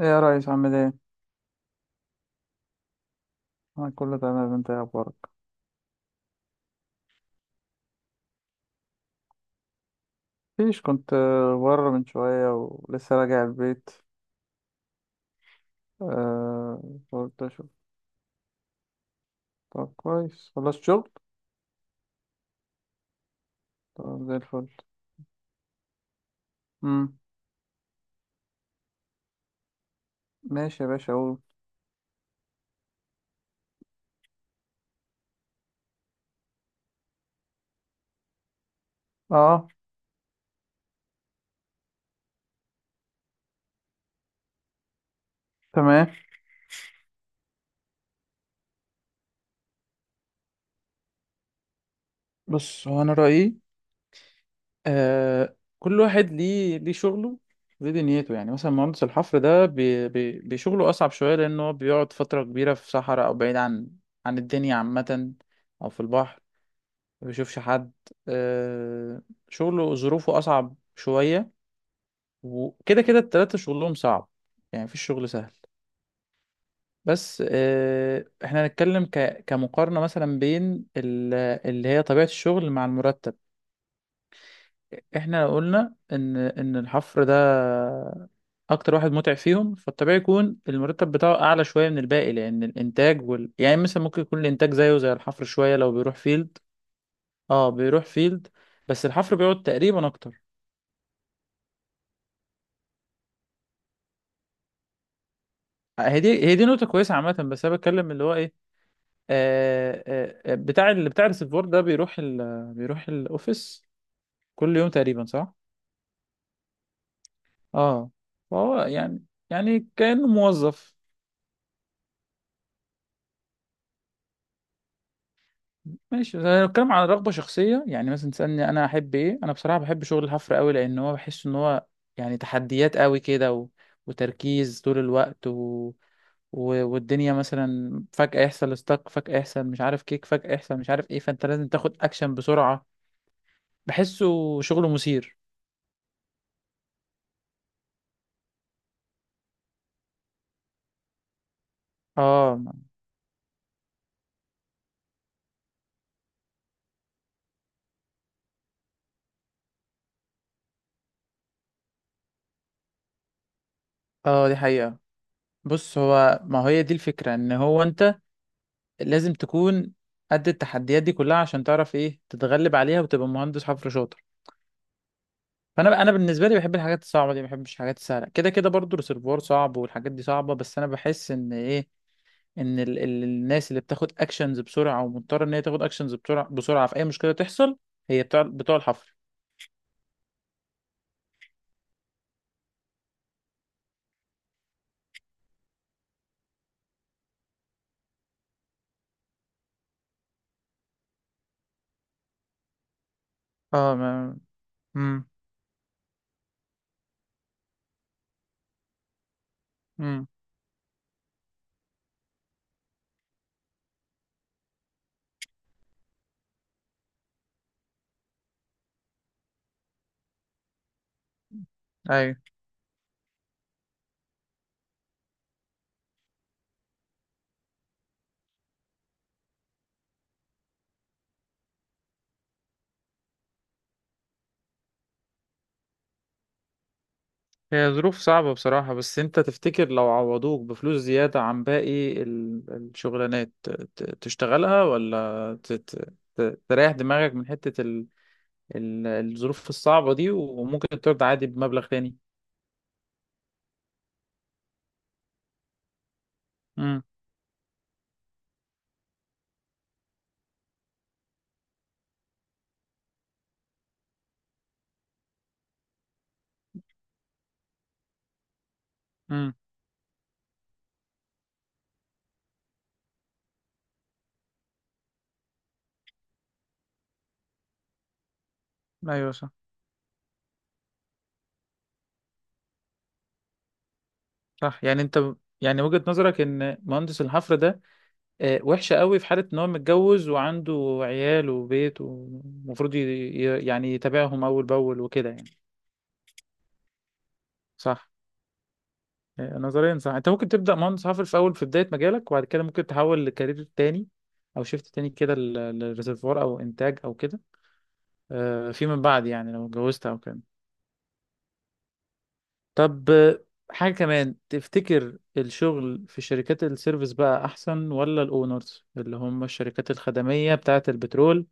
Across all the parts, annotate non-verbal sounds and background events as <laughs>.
ايه يا ريس، عامل ايه؟ انا كله تمام، انت ايه اخبارك؟ مفيش، كنت بره من شوية ولسه راجع البيت. آه. قلت اشوف. طب كويس، خلصت شغل؟ طب زي الفل. امم. ماشي يا باشا اقول. اه. تمام. بص، هو انا رأيي كل واحد ليه شغله، ليه دنيته. يعني مثلا مهندس الحفر ده بي بي بشغله اصعب شوية، لانه هو بيقعد فترة كبيرة في صحراء او بعيد عن الدنيا عامة، او في البحر، ما بيشوفش حد. آه، شغله ظروفه أصعب شوية، وكده كده التلاتة شغلهم صعب، يعني مفيش شغل سهل. بس احنا هنتكلم كمقارنة مثلا بين اللي هي طبيعة الشغل مع المرتب. احنا لو قلنا ان الحفر ده اكتر واحد متعب فيهم، فالطبيعي يكون المرتب بتاعه اعلى شوية من الباقي، لان الانتاج يعني مثلا ممكن يكون الانتاج زيه زي الحفر شوية لو بيروح فيلد. اه، بيروح فيلد، بس الحفر بيقعد تقريبا اكتر. هي دي نقطة كويسة عامة، بس أنا بتكلم اللي هو إيه، اللي بتاع الريسيفور ده بيروح بيروح الأوفيس كل يوم تقريبا، صح؟ أه. فهو يعني، يعني كأنه موظف. ماشي، بس أنا بتكلم عن رغبة شخصية. يعني مثلا تسألني أنا أحب إيه؟ أنا بصراحة بحب شغل الحفر أوي، لأن هو بحس إن هو يعني تحديات أوي كده، وتركيز طول الوقت، والدنيا مثلا فجأة يحصل ستاك، فجأة يحصل مش عارف كيك، فجأة يحصل مش عارف ايه، فانت لازم تاخد اكشن بسرعة. بحسه شغله مثير. اه. اه، دي حقيقة. بص، هو ما هي دي الفكرة، ان هو انت لازم تكون قد التحديات دي كلها، عشان تعرف ايه تتغلب عليها وتبقى مهندس حفر شاطر. فانا بالنسبة لي بحب الحاجات الصعبة دي، ما بحبش الحاجات السهلة، كده كده برضو الريسيرفوار صعب والحاجات دي صعبة. بس انا بحس ان ايه، ان ال الناس اللي بتاخد اكشنز بسرعة، ومضطرة ان هي تاخد اكشنز بسرعة بسرعة في اي مشكلة تحصل، هي بتوع الحفر. اه. ما... مم. مم. ايوه. هي ظروف صعبة بصراحة، بس انت تفتكر لو عوضوك بفلوس زيادة عن باقي الشغلانات، تشتغلها، ولا تريح دماغك من حتة الظروف الصعبة دي، وممكن ترضى عادي بمبلغ تاني. امم. امم. ايوه صح. صح، يعني انت يعني وجهة نظرك ان مهندس الحفر ده وحشة قوي في حالة ان هو متجوز وعنده عيال وبيت، ومفروض يعني يتابعهم اول باول وكده يعني. صح. نظريا صح، انت ممكن تبدا مهندس حفر في اول في بدايه مجالك، وبعد كده ممكن تحول لكارير تاني، او شيفت تاني كده للريزرفوار او انتاج او كده، فيما بعد يعني لو اتجوزت او كده. طب حاجه كمان، تفتكر الشغل في شركات السيرفيس بقى احسن، ولا الاونرز اللي هم الشركات الخدميه بتاعه البترول،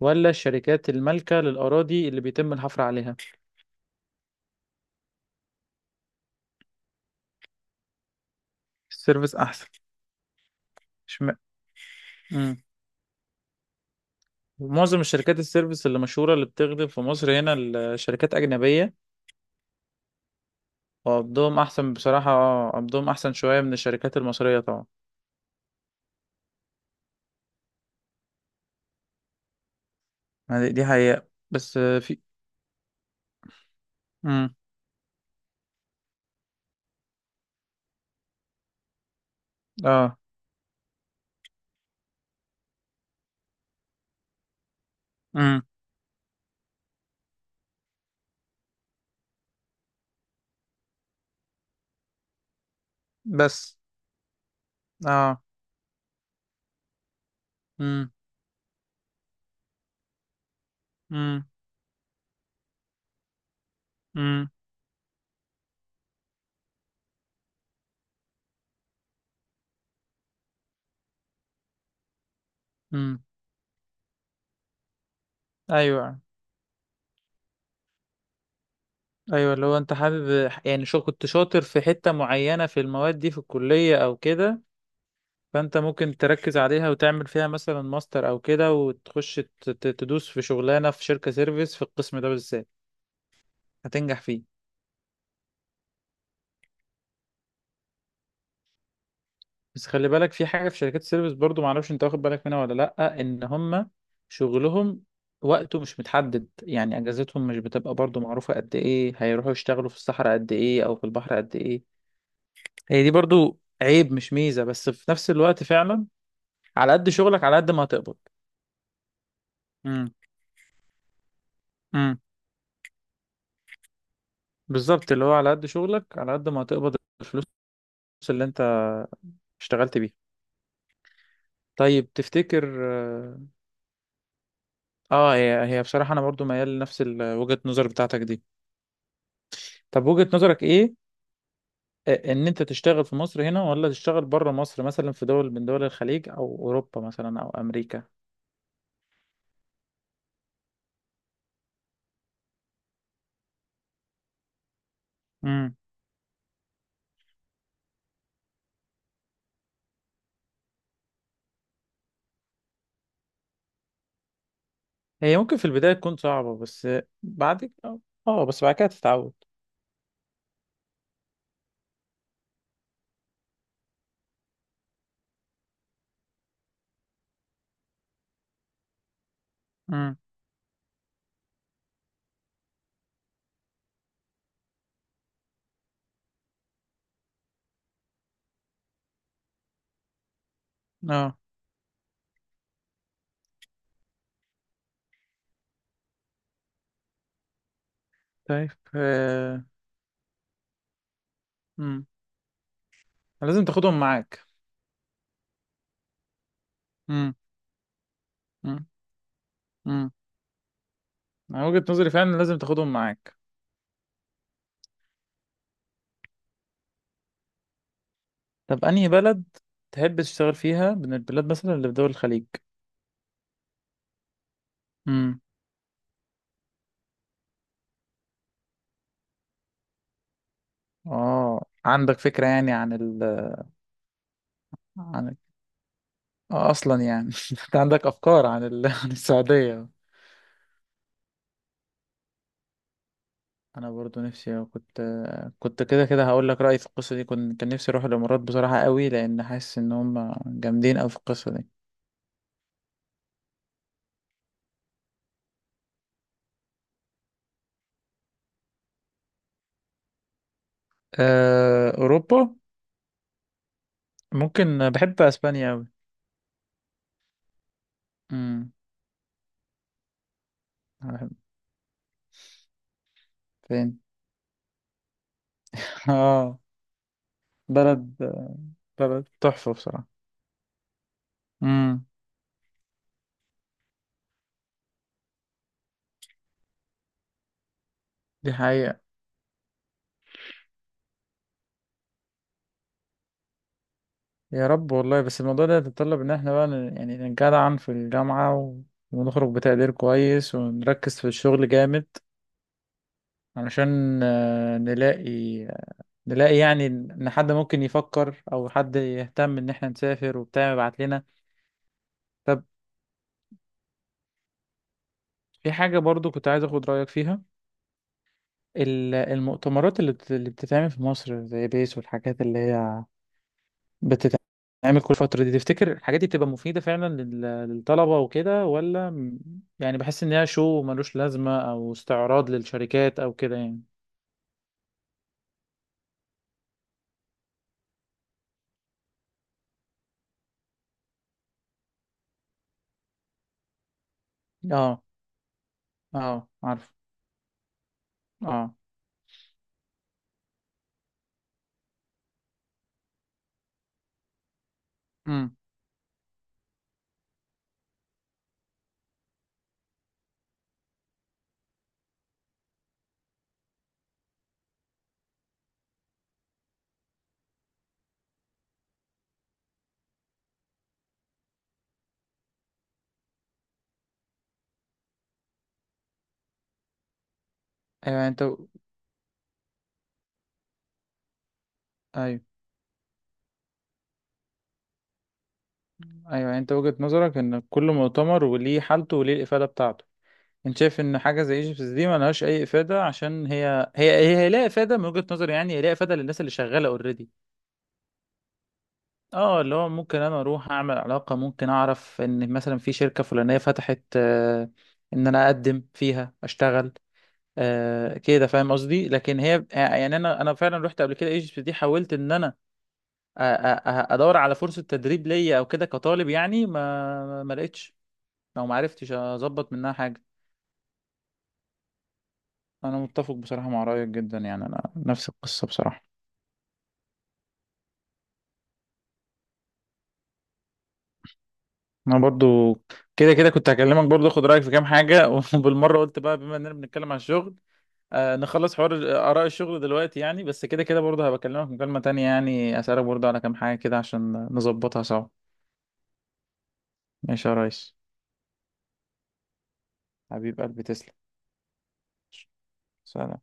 ولا الشركات المالكه للاراضي اللي بيتم الحفر عليها؟ السيرفيس احسن. اشمعنى؟ امم. معظم الشركات السيرفيس اللي مشهورة اللي بتخدم في مصر هنا الشركات أجنبية. وقبضهم احسن بصراحة، قبضهم احسن شوية من الشركات المصرية طبعا. ما دي حقيقة. بس في. امم. اه. امم. بس. اه. امم. امم. امم. امم. ايوه. ايوه، اللي هو انت حابب، يعني شو كنت شاطر في حتة معينة في المواد دي في الكلية او كده. فانت ممكن تركز عليها وتعمل فيها مثلا ماستر او كده، وتخش تدوس في شغلانة في شركة سيرفيس في القسم ده بالذات، هتنجح فيه. بس خلي بالك، في حاجة في شركات السيرفيس برضو، معرفش انت واخد بالك منها ولا لأ، ان هم شغلهم وقته مش متحدد. يعني اجازتهم مش بتبقى برضو معروفة، قد ايه هيروحوا يشتغلوا في الصحراء قد ايه، او في البحر قد ايه. هي دي برضو عيب مش ميزة، بس في نفس الوقت فعلا على قد شغلك على قد ما هتقبض. امم. امم. بالظبط، اللي هو على قد شغلك على قد ما هتقبض، الفلوس اللي انت اشتغلت بيها. طيب تفتكر، اه، هي بصراحة انا برضو ميال لنفس وجهة النظر بتاعتك دي. طب وجهة نظرك ايه، ان انت تشتغل في مصر هنا، ولا تشتغل بره مصر، مثلا في دول من دول الخليج، او اوروبا مثلا، او امريكا؟ امم. هي ممكن في البداية تكون صعبة، بس بعد بس بعد كده تتعود. امم. اه. طيب امم. لازم تاخدهم معاك. امم. امم. امم. انا وجهة نظري فعلا لازم تاخدهم معاك. طب انهي بلد تحب تشتغل فيها من البلاد، مثلا اللي في دول الخليج؟ امم. اه، عندك فكرة يعني عن عن اصلا يعني <laughs> انت عندك افكار عن <laughs> عن السعوديه. انا برضو نفسي كنت، كده كده هقول لك رايي في القصه دي، كان نفسي اروح الامارات بصراحه قوي، لان حاسس ان هم جامدين قوي في القصه دي. اوروبا، ممكن، بحب اسبانيا قوي. امم. أنا بحب. فين؟ <laughs> اه. بلد، بلد تحفه بصراحه. امم. دي حقيقه. يا رب والله، بس الموضوع ده يتطلب ان احنا بقى يعني نجدعن في الجامعه، ونخرج بتقدير كويس ونركز في الشغل جامد، علشان نلاقي، نلاقي يعني ان حد ممكن يفكر، او حد يهتم ان احنا نسافر وبتاع يبعت لنا. طب في حاجة برضو كنت عايز اخد رأيك فيها، المؤتمرات اللي اللي بتتعمل في مصر زي بيس والحاجات اللي هي بتتعمل كل فترة دي، تفتكر الحاجات دي بتبقى مفيدة فعلا للطلبة وكده، ولا يعني بحس ان هي شو ملوش لازمة، او استعراض للشركات او كده يعني؟ اه. اه، عارف. اه. امم. ايوه يعني انت. ايوه. ايوه، يعني انت وجهة نظرك ان كل مؤتمر وليه حالته وليه الافاده بتاعته. انت شايف ان حاجه زي ايجيبتس دي ما لهاش اي افاده، عشان هي لها افاده من وجهة نظري، يعني هي لها افاده للناس اللي شغاله اوريدي. اه، اللي هو ممكن انا اروح اعمل علاقه، ممكن اعرف ان مثلا في شركه فلانيه فتحت ان انا اقدم فيها اشتغل. كده فاهم قصدي، لكن هي يعني انا فعلا رحت قبل كده ايجيبتس دي، حاولت ان انا أ- أ- ادور على فرصه تدريب ليا او كده كطالب يعني، ما لقيتش، لو ما عرفتش اظبط منها حاجه. انا متفق بصراحه مع رايك جدا، يعني انا نفس القصه بصراحه. انا برضو كده كده كنت هكلمك برضو اخد رايك في كام حاجه <laughs> وبالمره قلت بقى بما اننا بنتكلم عن الشغل نخلص حوار اراء الشغل دلوقتي يعني. بس كده كده برضو هبكلمك مكالمه تانية، يعني اسالك برضو على كام حاجه كده، عشان نظبطها سوا. ماشي يا ريس. حبيب قلبي تسلم. سلام.